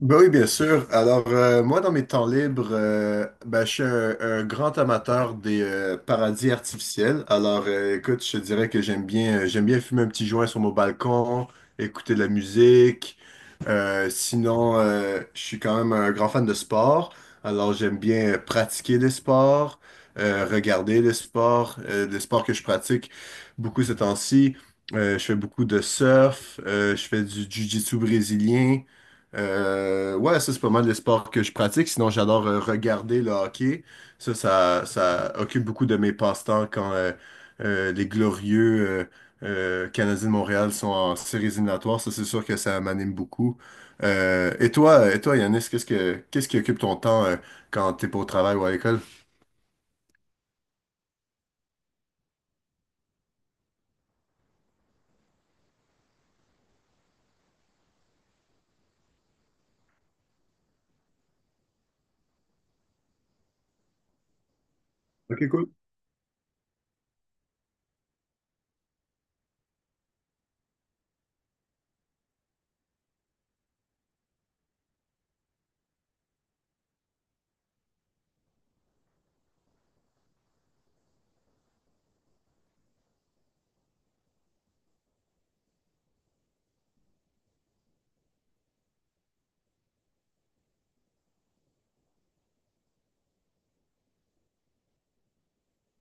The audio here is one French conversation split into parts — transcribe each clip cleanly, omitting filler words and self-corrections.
Ben oui, bien sûr. Alors, moi, dans mes temps libres, ben, je suis un grand amateur des paradis artificiels. Alors, écoute, je te dirais que j'aime bien fumer un petit joint sur mon balcon, écouter de la musique. Sinon, je suis quand même un grand fan de sport. Alors, j'aime bien pratiquer des sports, regarder des sports que je pratique beaucoup ces temps-ci. Je fais beaucoup de surf, je fais du jiu-jitsu brésilien. Ouais, ça c'est pas mal les sports que je pratique. Sinon, j'adore regarder le hockey. Ça occupe beaucoup de mes passe-temps quand les glorieux Canadiens de Montréal sont en séries éliminatoires. Ça, c'est sûr que ça m'anime beaucoup. Et toi, et toi, Yanis, qu'est-ce qui occupe ton temps quand t'es pas au travail ou à l'école? Ok, cool.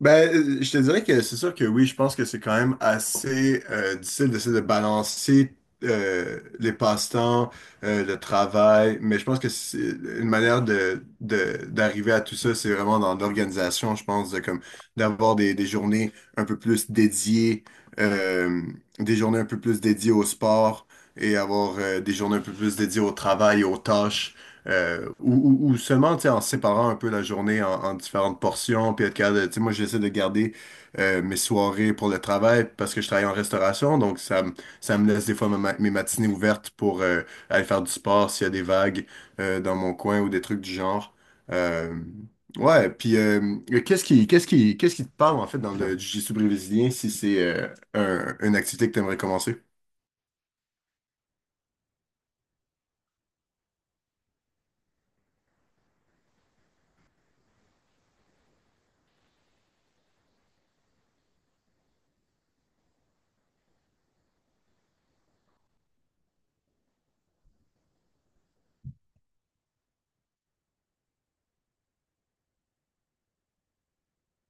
Ben, je te dirais que c'est sûr que oui, je pense que c'est quand même assez difficile d'essayer de balancer les passe-temps, le travail, mais je pense que c'est une manière d'arriver à tout ça, c'est vraiment dans l'organisation, je pense, de, comme d'avoir des journées un peu plus dédiées, euh, au sport et avoir des journées un peu plus dédiées au travail, aux tâches. Ou seulement, tu sais, en séparant un peu la journée en différentes portions, puis être capable tu sais, moi, j'essaie de garder mes soirées pour le travail parce que je travaille en restauration, donc ça me laisse des fois mes matinées ouvertes pour aller faire du sport s'il y a des vagues dans mon coin ou des trucs du genre. Euh, ouais, puis qu'est-ce qui te parle, en fait, dans le jiu-jitsu brésilien si c'est une activité que tu aimerais commencer?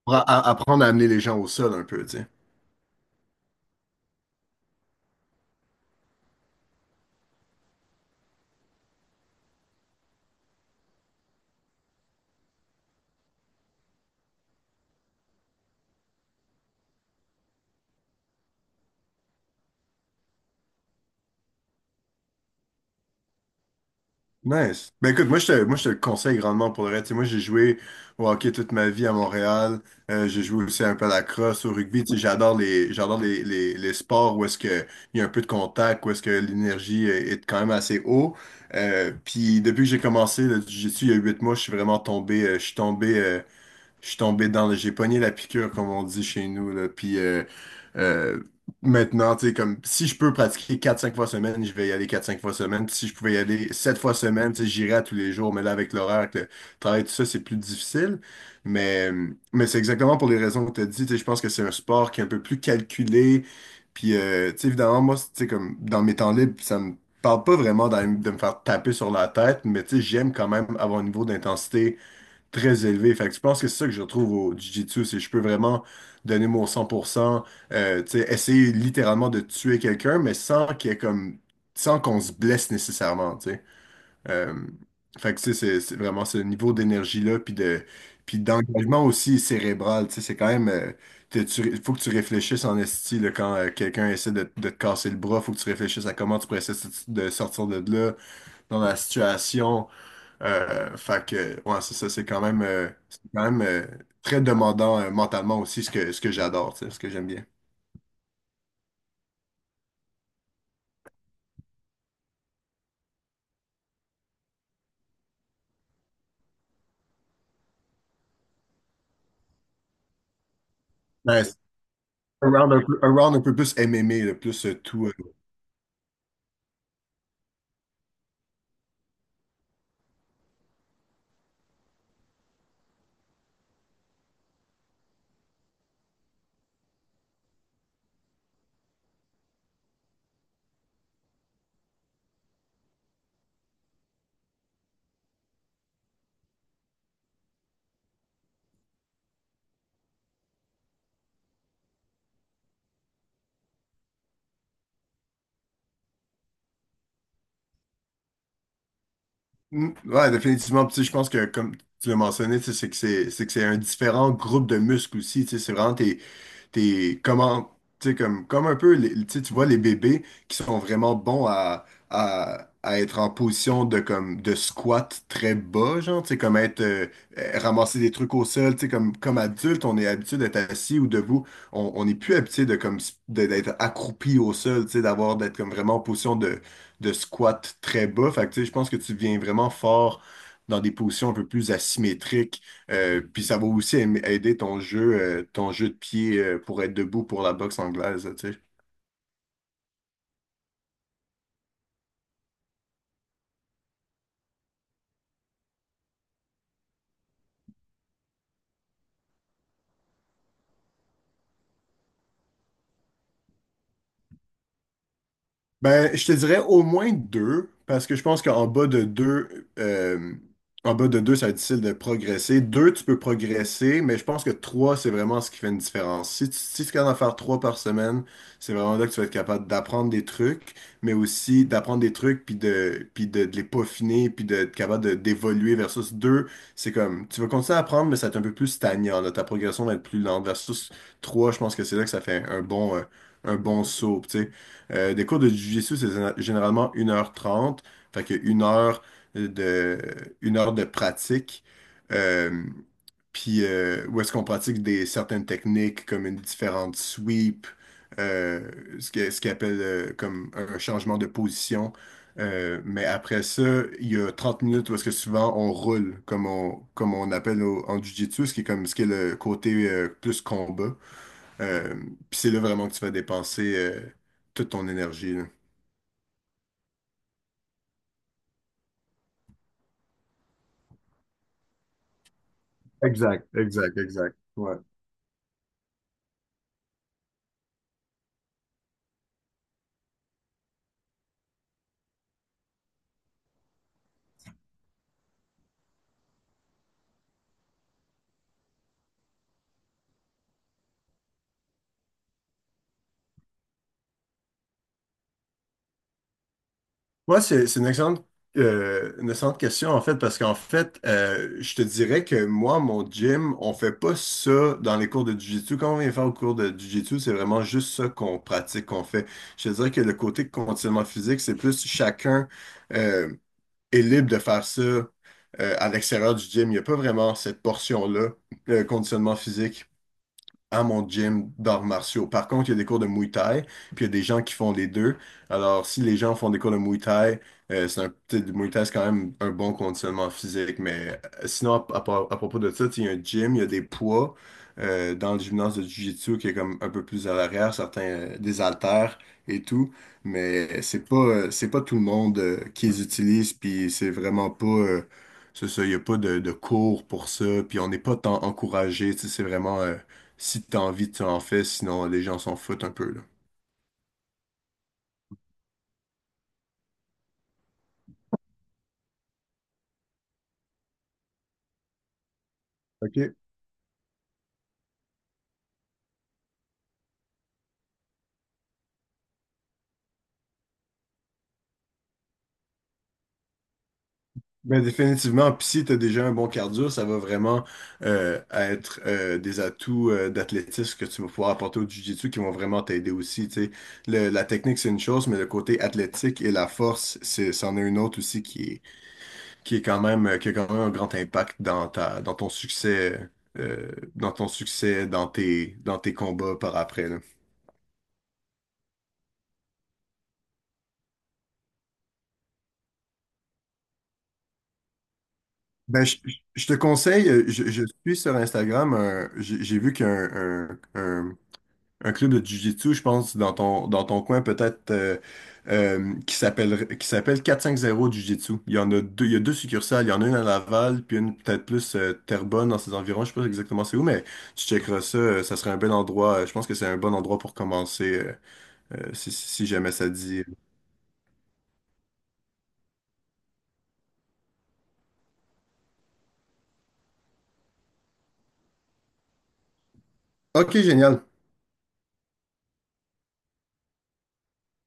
Pour apprendre à amener les gens au sol un peu, tu sais. Nice. Ben écoute, moi je te le conseille grandement pour le reste. Tu sais, moi j'ai joué au hockey toute ma vie à Montréal. J'ai joué aussi un peu à la crosse, au rugby. Tu sais, j'adore les sports où est-ce que il y a un peu de contact, où est-ce que l'énergie est quand même assez haut. Puis depuis que j'ai commencé le jiu-jitsu il y a 8 mois, je suis vraiment tombé, je suis tombé je suis tombé dans le. J'ai pogné la piqûre, comme on dit chez nous, là. Puis euh, maintenant, tu sais, comme si je peux pratiquer quatre cinq fois semaine, je vais y aller quatre cinq fois semaine. Puis si je pouvais y aller 7 fois semaine, tu sais, j'irais à tous les jours. Mais là, avec l'horaire, avec le travail, tout ça, c'est plus difficile. Mais, mais c'est exactement pour les raisons que tu as dit. Tu sais, je pense que c'est un sport qui est un peu plus calculé. Puis, tu sais, évidemment, moi, tu sais, comme dans mes temps libres, ça me parle pas vraiment de me faire taper sur la tête, mais tu sais, j'aime quand même avoir un niveau d'intensité très élevé. Fait que je pense que c'est ça que je retrouve au Jiu-Jitsu, c'est que je peux vraiment donner mon 100%, tu sais, essayer littéralement de tuer quelqu'un, mais sans qu'il y ait comme, sans qu'on se blesse nécessairement, euh, fait que tu sais, c'est vraiment ce niveau d'énergie-là, puis d'engagement aussi cérébral. Tu sais, c'est quand même, faut que tu réfléchisses en esti là, quand quelqu'un essaie de te casser le bras, il faut que tu réfléchisses à comment tu pourrais essayer de sortir de là dans la situation. Fait que, ouais, c'est ça, c'est quand même très demandant mentalement aussi, ce que j'adore, tu sais, ce que j'aime bien. Ouais, c'est un round un peu plus MMA, là, plus tout. Mm, ouais, définitivement. Puis, tu sais, je pense que, comme tu l'as mentionné, tu sais, c'est que c'est un différent groupe de muscles aussi. Tu sais, c'est vraiment comment, tu sais, comme un peu, tu sais, tu vois les bébés qui sont vraiment bons à être en position de, comme, de squat très bas, genre, tu sais, ramasser des trucs au sol. Tu sais, comme adulte, on est habitué d'être assis ou debout. On n'est plus habitué de, comme, s- de- d'être accroupi au sol, tu sais, d'être comme vraiment en position de squat très bas. Fait que, tu sais, je pense que tu deviens vraiment fort dans des positions un peu plus asymétriques. Puis ça va aussi aider ton jeu de pied pour être debout pour la boxe anglaise, tu sais. Ben, je te dirais au moins deux, parce que je pense qu'en bas de deux, ça va être difficile de progresser. Deux, tu peux progresser, mais je pense que trois, c'est vraiment ce qui fait une différence. Si tu es capable d'en faire trois par semaine, c'est vraiment là que tu vas être capable d'apprendre des trucs, mais aussi d'apprendre des trucs, de les peaufiner, puis d'être d'évoluer versus deux. C'est comme, tu vas continuer à apprendre, mais ça va être un peu plus stagnant, là. Ta progression va être plus lente versus trois, je pense que c'est là que ça fait un bon saut, tu sais. Des cours de Jiu-Jitsu, c'est généralement 1 h 30, fait que de, une heure de pratique. Euh, puis où est-ce qu'on pratique certaines techniques comme une différente sweep, euh, ce qu'ils appellent comme un changement de position. Mais après ça, il y a 30 minutes où est-ce que souvent on roule, comme on appelle en jiu-jitsu, ce qui est le côté plus combat. Euh, puis c'est là vraiment que tu vas dépenser toute ton énergie, là. Exact, exact, exact. Ouais. Moi c'est une excellente question, en fait, parce qu'en fait, je te dirais que moi, mon gym, on fait pas ça dans les cours de Jiu-Jitsu. Quand on vient faire au cours de Jiu-Jitsu, c'est vraiment juste ça qu'on pratique, qu'on fait. Je te dirais que le côté conditionnement physique, c'est plus chacun euh, est libre de faire ça à l'extérieur du gym. Il n'y a pas vraiment cette portion-là, conditionnement physique. À mon gym d'arts martiaux. Par contre, il y a des cours de Muay Thai, puis il y a des gens qui font les deux. Alors, si les gens font des cours de Muay Thai, c'est un petit du Muay Thai, c'est quand même un bon conditionnement physique. Mais sinon, à propos de ça, tu sais, il y a un gym, il y a des poids dans le gymnase de Jiu-Jitsu qui est comme un peu plus à l'arrière, certains des haltères et tout. Mais c'est pas tout le monde qui les utilise, puis c'est vraiment pas c'est ça, il n'y a pas de cours pour ça, puis on n'est pas tant encouragé, tu sais, c'est vraiment. Si t'as envie, tu en fais, sinon les gens s'en foutent un peu, là. OK. Ben définitivement, puis si tu as déjà un bon cardio, ça va vraiment être des atouts d'athlétisme que tu vas pouvoir apporter au jiu-jitsu qui vont vraiment t'aider aussi. Tu sais. La technique, c'est une chose, mais le côté athlétique et la force, c'en est une autre aussi qui est quand même, qui a quand même un grand impact dans dans dans ton succès, dans dans tes combats par après, là. Ben, je te conseille, je suis sur Instagram, j'ai vu qu'il y a un club de Jiu-Jitsu, je pense, dans dans ton coin peut-être, qui s'appelle 450 Jiu-Jitsu. Il y en a deux, il y a deux succursales, il y en a une à Laval, puis une peut-être plus Terrebonne dans ses environs, je sais pas exactement c'est où, mais tu checkeras ça, ça serait un bel endroit, je pense que c'est un bon endroit pour commencer, si jamais ça te dit. Ok, génial.